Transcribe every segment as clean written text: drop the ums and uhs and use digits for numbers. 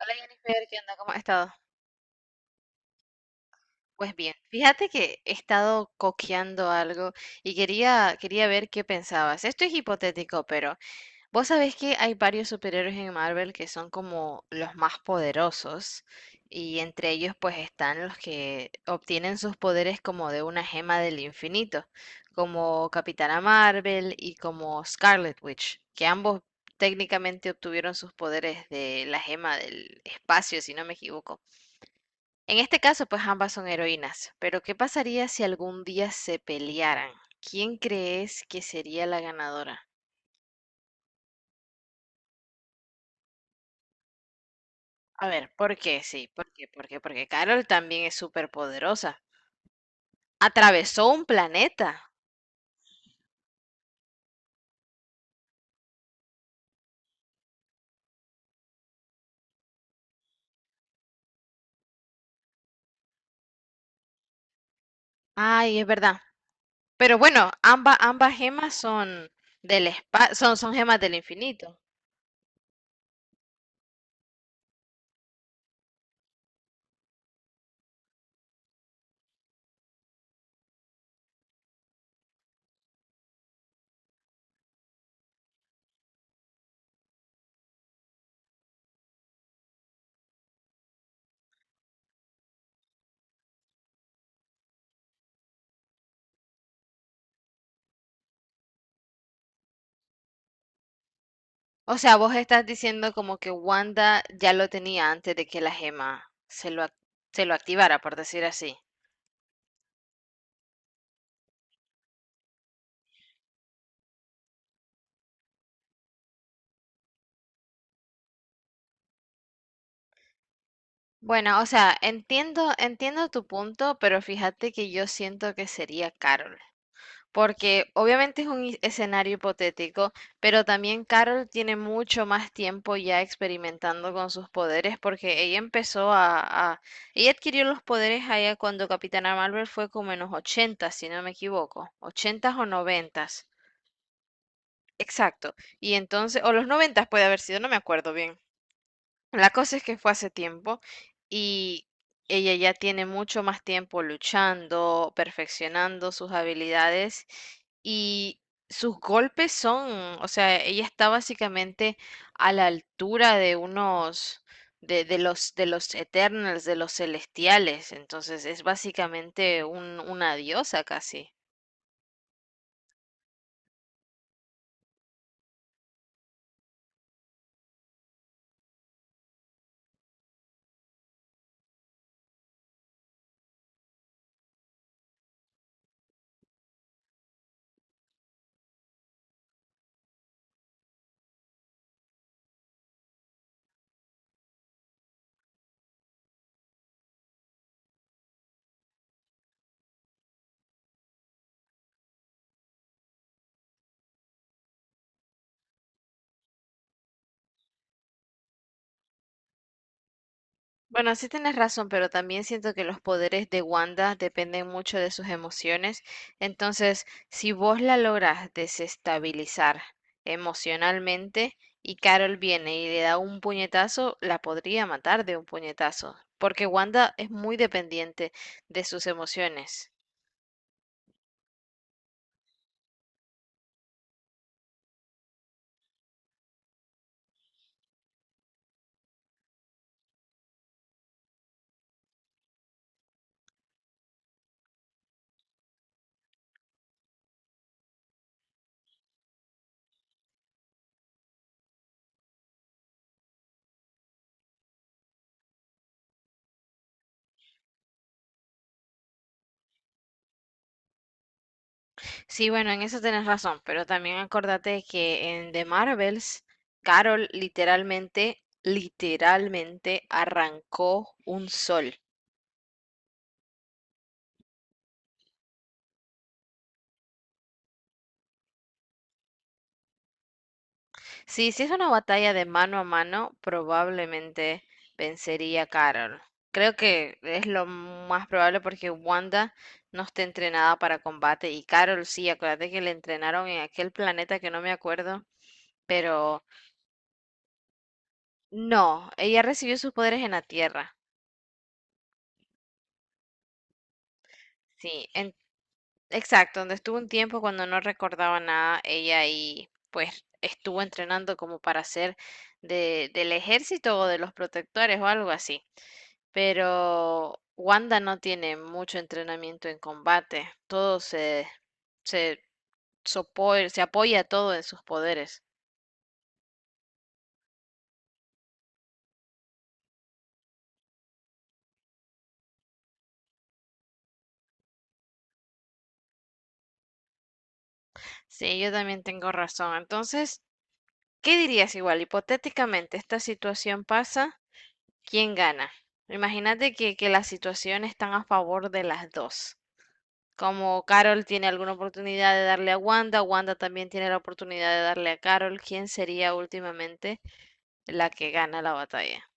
Hola Jennifer, ¿qué onda? ¿Cómo has estado? Pues bien, fíjate que he estado coqueando algo y quería ver qué pensabas. Esto es hipotético, pero vos sabés que hay varios superhéroes en Marvel que son como los más poderosos y entre ellos pues están los que obtienen sus poderes como de una gema del infinito, como Capitana Marvel y como Scarlet Witch, que ambos técnicamente obtuvieron sus poderes de la gema del espacio, si no me equivoco. En este caso, pues ambas son heroínas, pero ¿qué pasaría si algún día se pelearan? ¿Quién crees que sería la ganadora? A ver, ¿por qué? Sí, ¿por qué? ¿Por qué? Porque Carol también es súper poderosa. Atravesó un planeta. Ay, es verdad. Pero bueno, ambas gemas son gemas del infinito. O sea, vos estás diciendo como que Wanda ya lo tenía antes de que la gema se lo activara, por decir así. Bueno, o sea, entiendo tu punto, pero fíjate que yo siento que sería Carol, porque obviamente es un escenario hipotético, pero también Carol tiene mucho más tiempo ya experimentando con sus poderes, porque ella empezó ella adquirió los poderes allá cuando Capitana Marvel fue como en los 80, si no me equivoco, ochentas o noventas, exacto, y entonces, o los noventas puede haber sido, no me acuerdo bien. La cosa es que fue hace tiempo y ella ya tiene mucho más tiempo luchando, perfeccionando sus habilidades y sus golpes son, o sea, ella está básicamente a la altura de unos de los Eternals, de los celestiales, entonces es básicamente una diosa casi. Bueno, sí tienes razón, pero también siento que los poderes de Wanda dependen mucho de sus emociones. Entonces, si vos la logras desestabilizar emocionalmente y Carol viene y le da un puñetazo, la podría matar de un puñetazo, porque Wanda es muy dependiente de sus emociones. Sí, bueno, en eso tienes razón, pero también acordate que en The Marvels, Carol literalmente arrancó un sol. Sí, si es una batalla de mano a mano, probablemente vencería Carol. Creo que es lo más probable porque Wanda no está entrenada para combate y Carol sí, acuérdate que le entrenaron en aquel planeta que no me acuerdo, pero no, ella recibió sus poderes en la Tierra. Sí, exacto, donde estuvo un tiempo cuando no recordaba nada, ella y pues estuvo entrenando como para ser de, del ejército o de los protectores o algo así. Pero Wanda no tiene mucho entrenamiento en combate. Todo se, se apoya todo en sus poderes. Sí, yo también tengo razón. Entonces, ¿qué dirías igual? Hipotéticamente, esta situación pasa, ¿quién gana? Imagínate que las situaciones están a favor de las dos. Como Carol tiene alguna oportunidad de darle a Wanda, Wanda también tiene la oportunidad de darle a Carol. ¿Quién sería últimamente la que gana la batalla?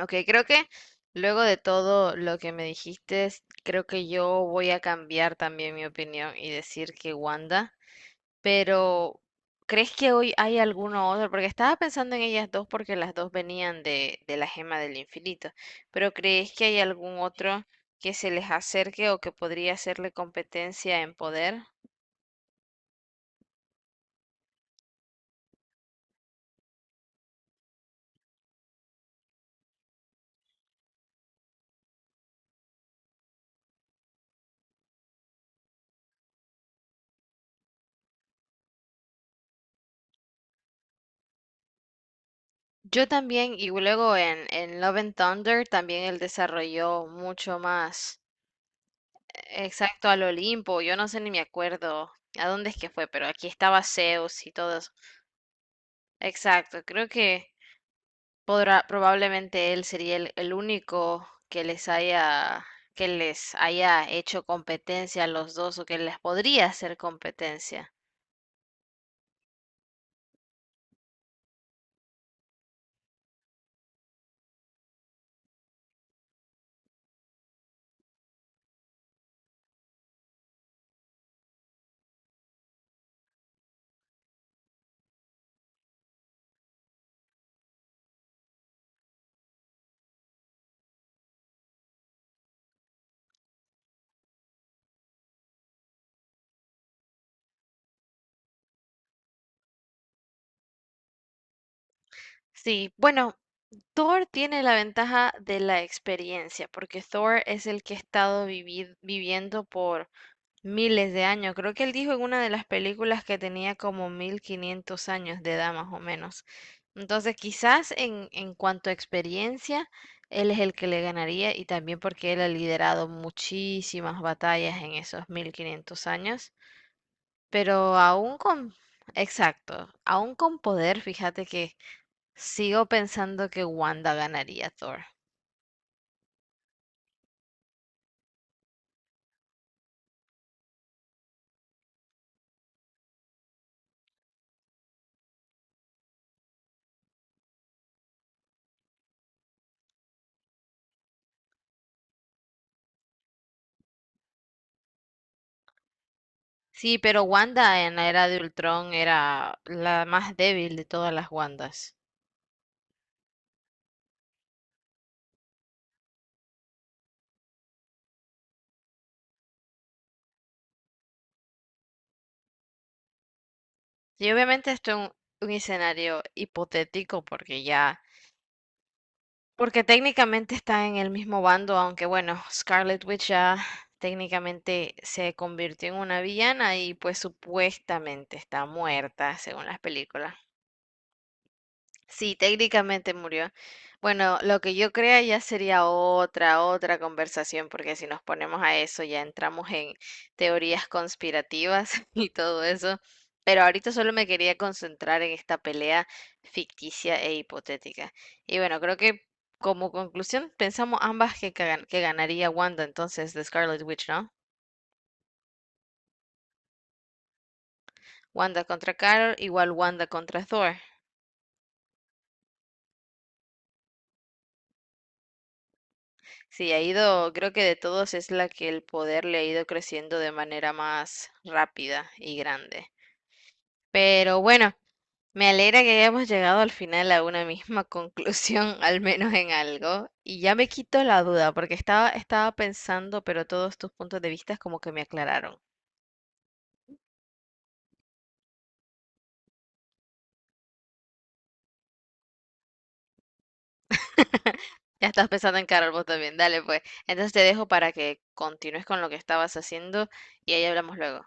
Ok, creo que luego de todo lo que me dijiste, s- creo que yo voy a cambiar también mi opinión y decir que Wanda, pero ¿crees que hoy hay alguno otro? Porque estaba pensando en ellas dos porque las dos venían de la gema del infinito, pero ¿crees que hay algún otro que se les acerque o que podría hacerle competencia en poder? Yo también, y luego en Love and Thunder también él desarrolló mucho más. Exacto, al Olimpo, yo no sé ni me acuerdo a dónde es que fue, pero aquí estaba Zeus y todo eso. Exacto, creo que podrá, probablemente él sería el único que les haya, hecho competencia a los dos o que les podría hacer competencia. Sí, bueno, Thor tiene la ventaja de la experiencia, porque Thor es el que ha estado viviendo por miles de años. Creo que él dijo en una de las películas que tenía como 1.500 años de edad más o menos. Entonces, quizás en cuanto a experiencia, él es el que le ganaría y también porque él ha liderado muchísimas batallas en esos 1.500 años. Pero aún con, exacto, aún con poder, fíjate que sigo pensando que Wanda ganaría a Thor. Sí, pero Wanda en la era de Ultron era la más débil de todas las Wandas. Y obviamente esto es un escenario hipotético porque ya, porque técnicamente está en el mismo bando, aunque bueno, Scarlet Witch ya técnicamente se convirtió en una villana y pues supuestamente está muerta según las películas. Sí, técnicamente murió. Bueno, lo que yo crea ya sería otra conversación, porque si nos ponemos a eso ya entramos en teorías conspirativas y todo eso. Pero ahorita solo me quería concentrar en esta pelea ficticia e hipotética. Y bueno, creo que como conclusión pensamos ambas que que ganaría Wanda entonces de Scarlet Witch, ¿no? Wanda contra Carol igual Wanda contra Thor. Sí, ha ido, creo que de todos es la que el poder le ha ido creciendo de manera más rápida y grande. Pero bueno, me alegra que hayamos llegado al final a una misma conclusión, al menos en algo. Y ya me quito la duda, porque estaba pensando, pero todos tus puntos de vista como que me aclararon. Ya estás pensando en Carol vos también. Dale, pues. Entonces te dejo para que continúes con lo que estabas haciendo y ahí hablamos luego.